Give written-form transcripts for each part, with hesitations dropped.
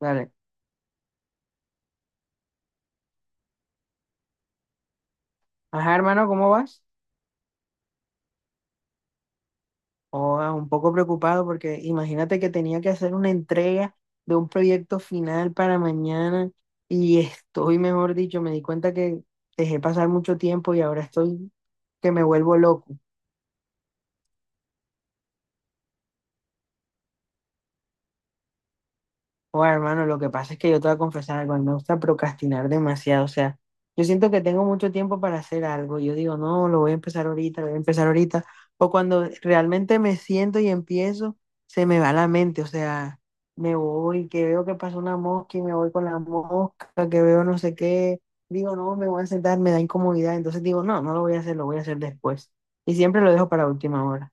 Dale. Ajá, hermano, ¿cómo vas? Oh, ah, un poco preocupado porque imagínate que tenía que hacer una entrega de un proyecto final para mañana y estoy, mejor dicho, me di cuenta que dejé pasar mucho tiempo y ahora estoy que me vuelvo loco. Oh, hermano, lo que pasa es que yo te voy a confesar algo, a mí me gusta procrastinar demasiado, o sea, yo siento que tengo mucho tiempo para hacer algo, yo digo, no, lo voy a empezar ahorita, lo voy a empezar ahorita, o cuando realmente me siento y empiezo, se me va la mente, o sea, me voy, que veo que pasa una mosca y me voy con la mosca, que veo no sé qué, digo, no, me voy a sentar, me da incomodidad, entonces digo, no, no lo voy a hacer, lo voy a hacer después, y siempre lo dejo para última hora.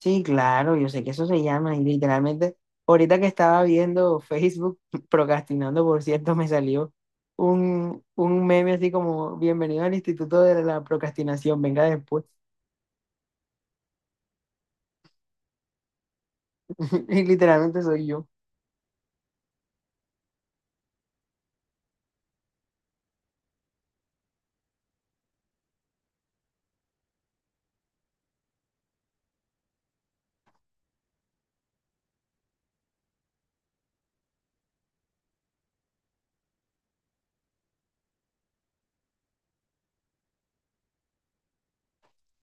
Sí, claro, yo sé que eso se llama y literalmente ahorita que estaba viendo Facebook, procrastinando por cierto, me salió un meme así como bienvenido al Instituto de la Procrastinación, venga después. Y literalmente soy yo.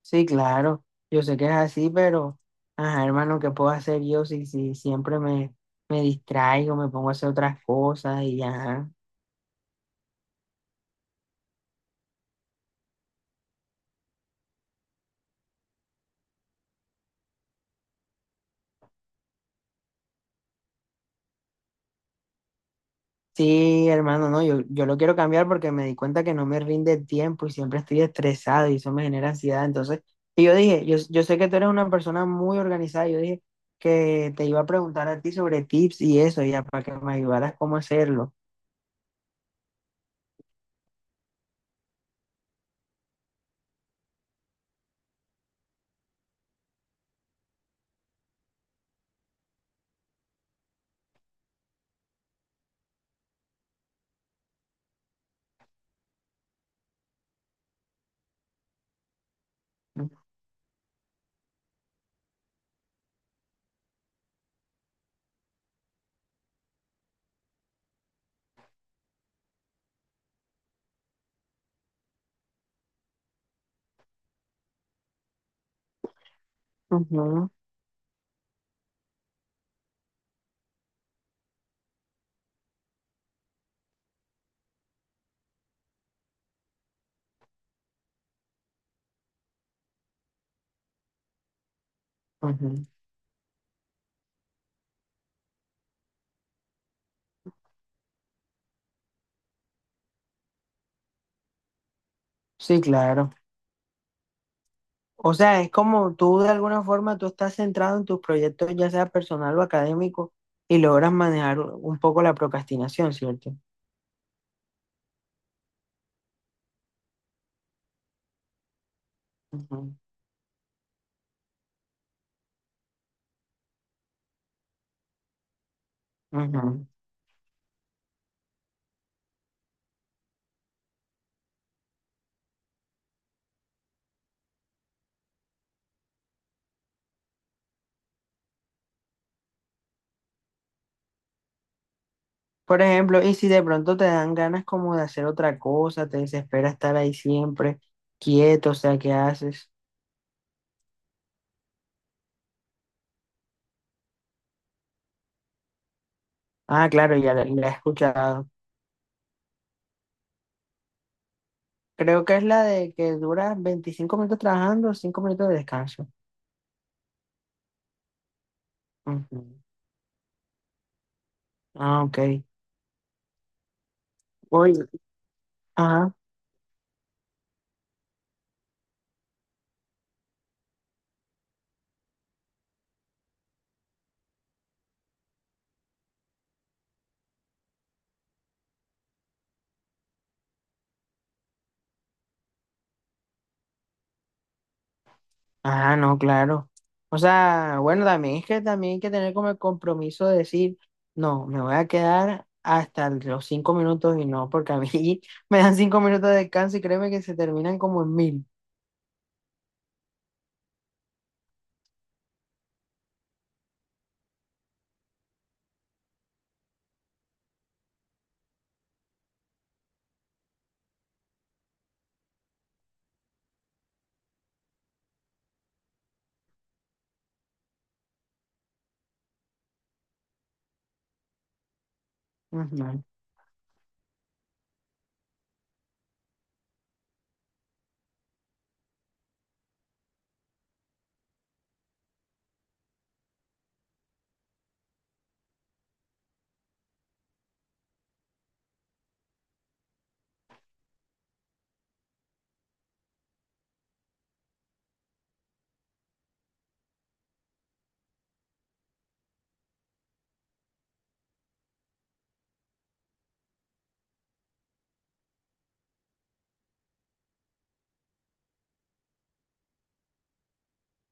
Sí, claro, yo sé que es así, pero ajá, hermano, ¿qué puedo hacer yo si siempre me, me distraigo, me pongo a hacer otras cosas y ya? Sí, hermano, no, yo lo quiero cambiar porque me di cuenta que no me rinde el tiempo y siempre estoy estresado y eso me genera ansiedad. Entonces, y yo dije, yo sé que tú eres una persona muy organizada, yo dije que te iba a preguntar a ti sobre tips y eso, ya para que me ayudaras cómo hacerlo. Ujú, ujú. Sí, claro. O sea, es como tú de alguna forma, tú estás centrado en tus proyectos, ya sea personal o académico, y logras manejar un poco la procrastinación, ¿cierto? Ujú, ujú. Por ejemplo, y si de pronto te dan ganas como de hacer otra cosa, te desespera estar ahí siempre quieto, o sea, ¿qué haces? Ah, claro, ya la he escuchado. Creo que es la de que dura 25 minutos trabajando, 5 minutos de descanso. Ujú. Ah, ok. Oye, ajá. Ah, no, claro. O sea, bueno, también es que también hay que tener como el compromiso de decir, no, me voy a quedar hasta los 5 minutos y no, porque a mí me dan 5 minutos de descanso y créeme que se terminan como en mil. Ujú.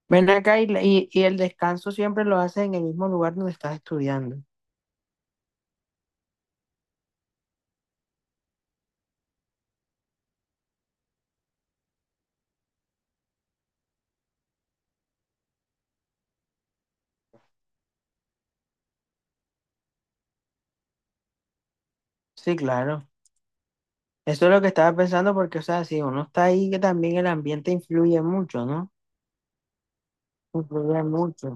Ven acá y, el descanso siempre lo haces en el mismo lugar donde estás estudiando. Sí, claro. Eso es lo que estaba pensando porque, o sea, si uno está ahí, que también el ambiente influye mucho, ¿no? Influye mucho.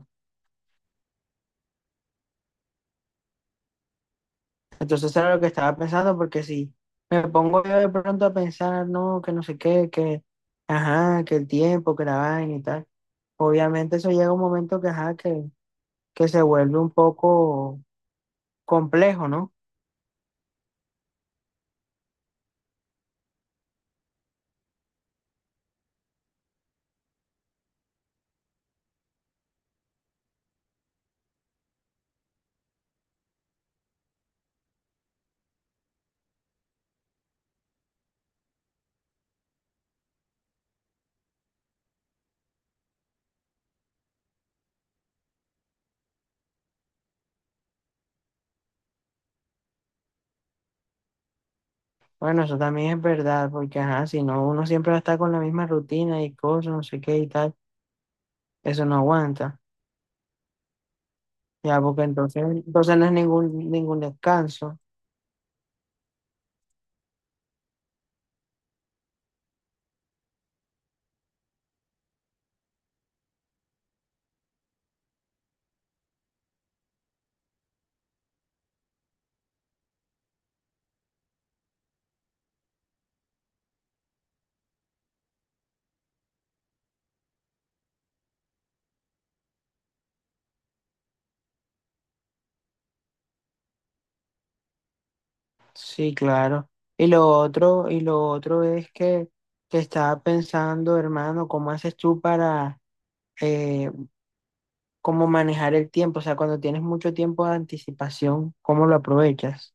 Entonces, eso era lo que estaba pensando porque si me pongo yo de pronto a pensar, no, que no sé qué, que, ajá, que el tiempo, que la vaina y tal, obviamente eso llega un momento que, ajá, que se vuelve un poco complejo, ¿no? Bueno, eso también es verdad, porque ajá, si no, uno siempre va a estar con la misma rutina y cosas, no sé qué y tal, eso no aguanta, ya, porque entonces, entonces no es ningún descanso. Sí, claro. Y lo otro es que estaba pensando, hermano, ¿cómo haces tú para eh, cómo manejar el tiempo? O sea, cuando tienes mucho tiempo de anticipación, ¿cómo lo aprovechas?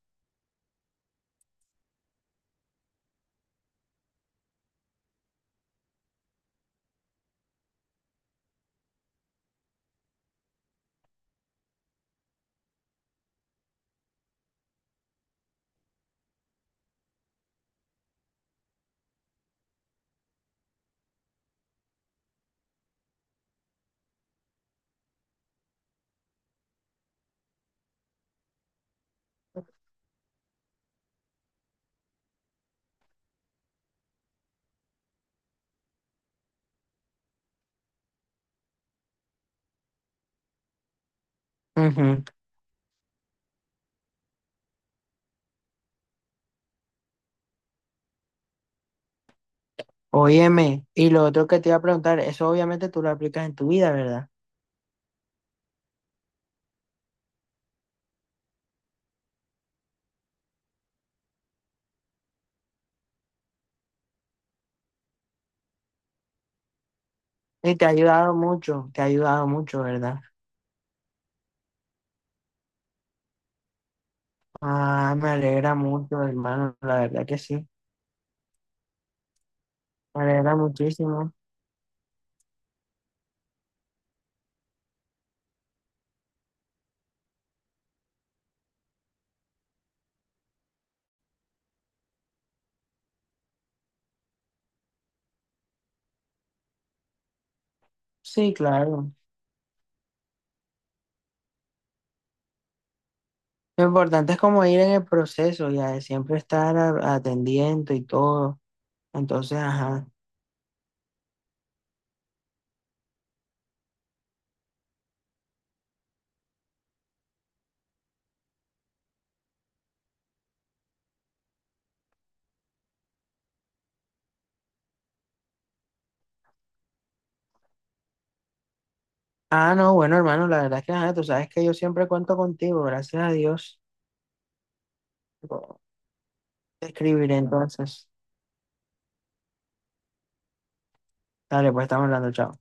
Ujú. Óyeme, y lo otro que te iba a preguntar, eso obviamente tú lo aplicas en tu vida, ¿verdad? Y te ha ayudado mucho, te ha ayudado mucho, ¿verdad? Ah, me alegra mucho, hermano, la verdad que sí, me alegra muchísimo. Sí, claro. Lo importante es como ir en el proceso, ya de siempre estar atendiendo y todo. Entonces, ajá. Ah, no, bueno, hermano, la verdad es que, ajá, tú sabes que yo siempre cuento contigo, gracias a Dios. Te escribiré entonces. Dale, pues estamos hablando, chao.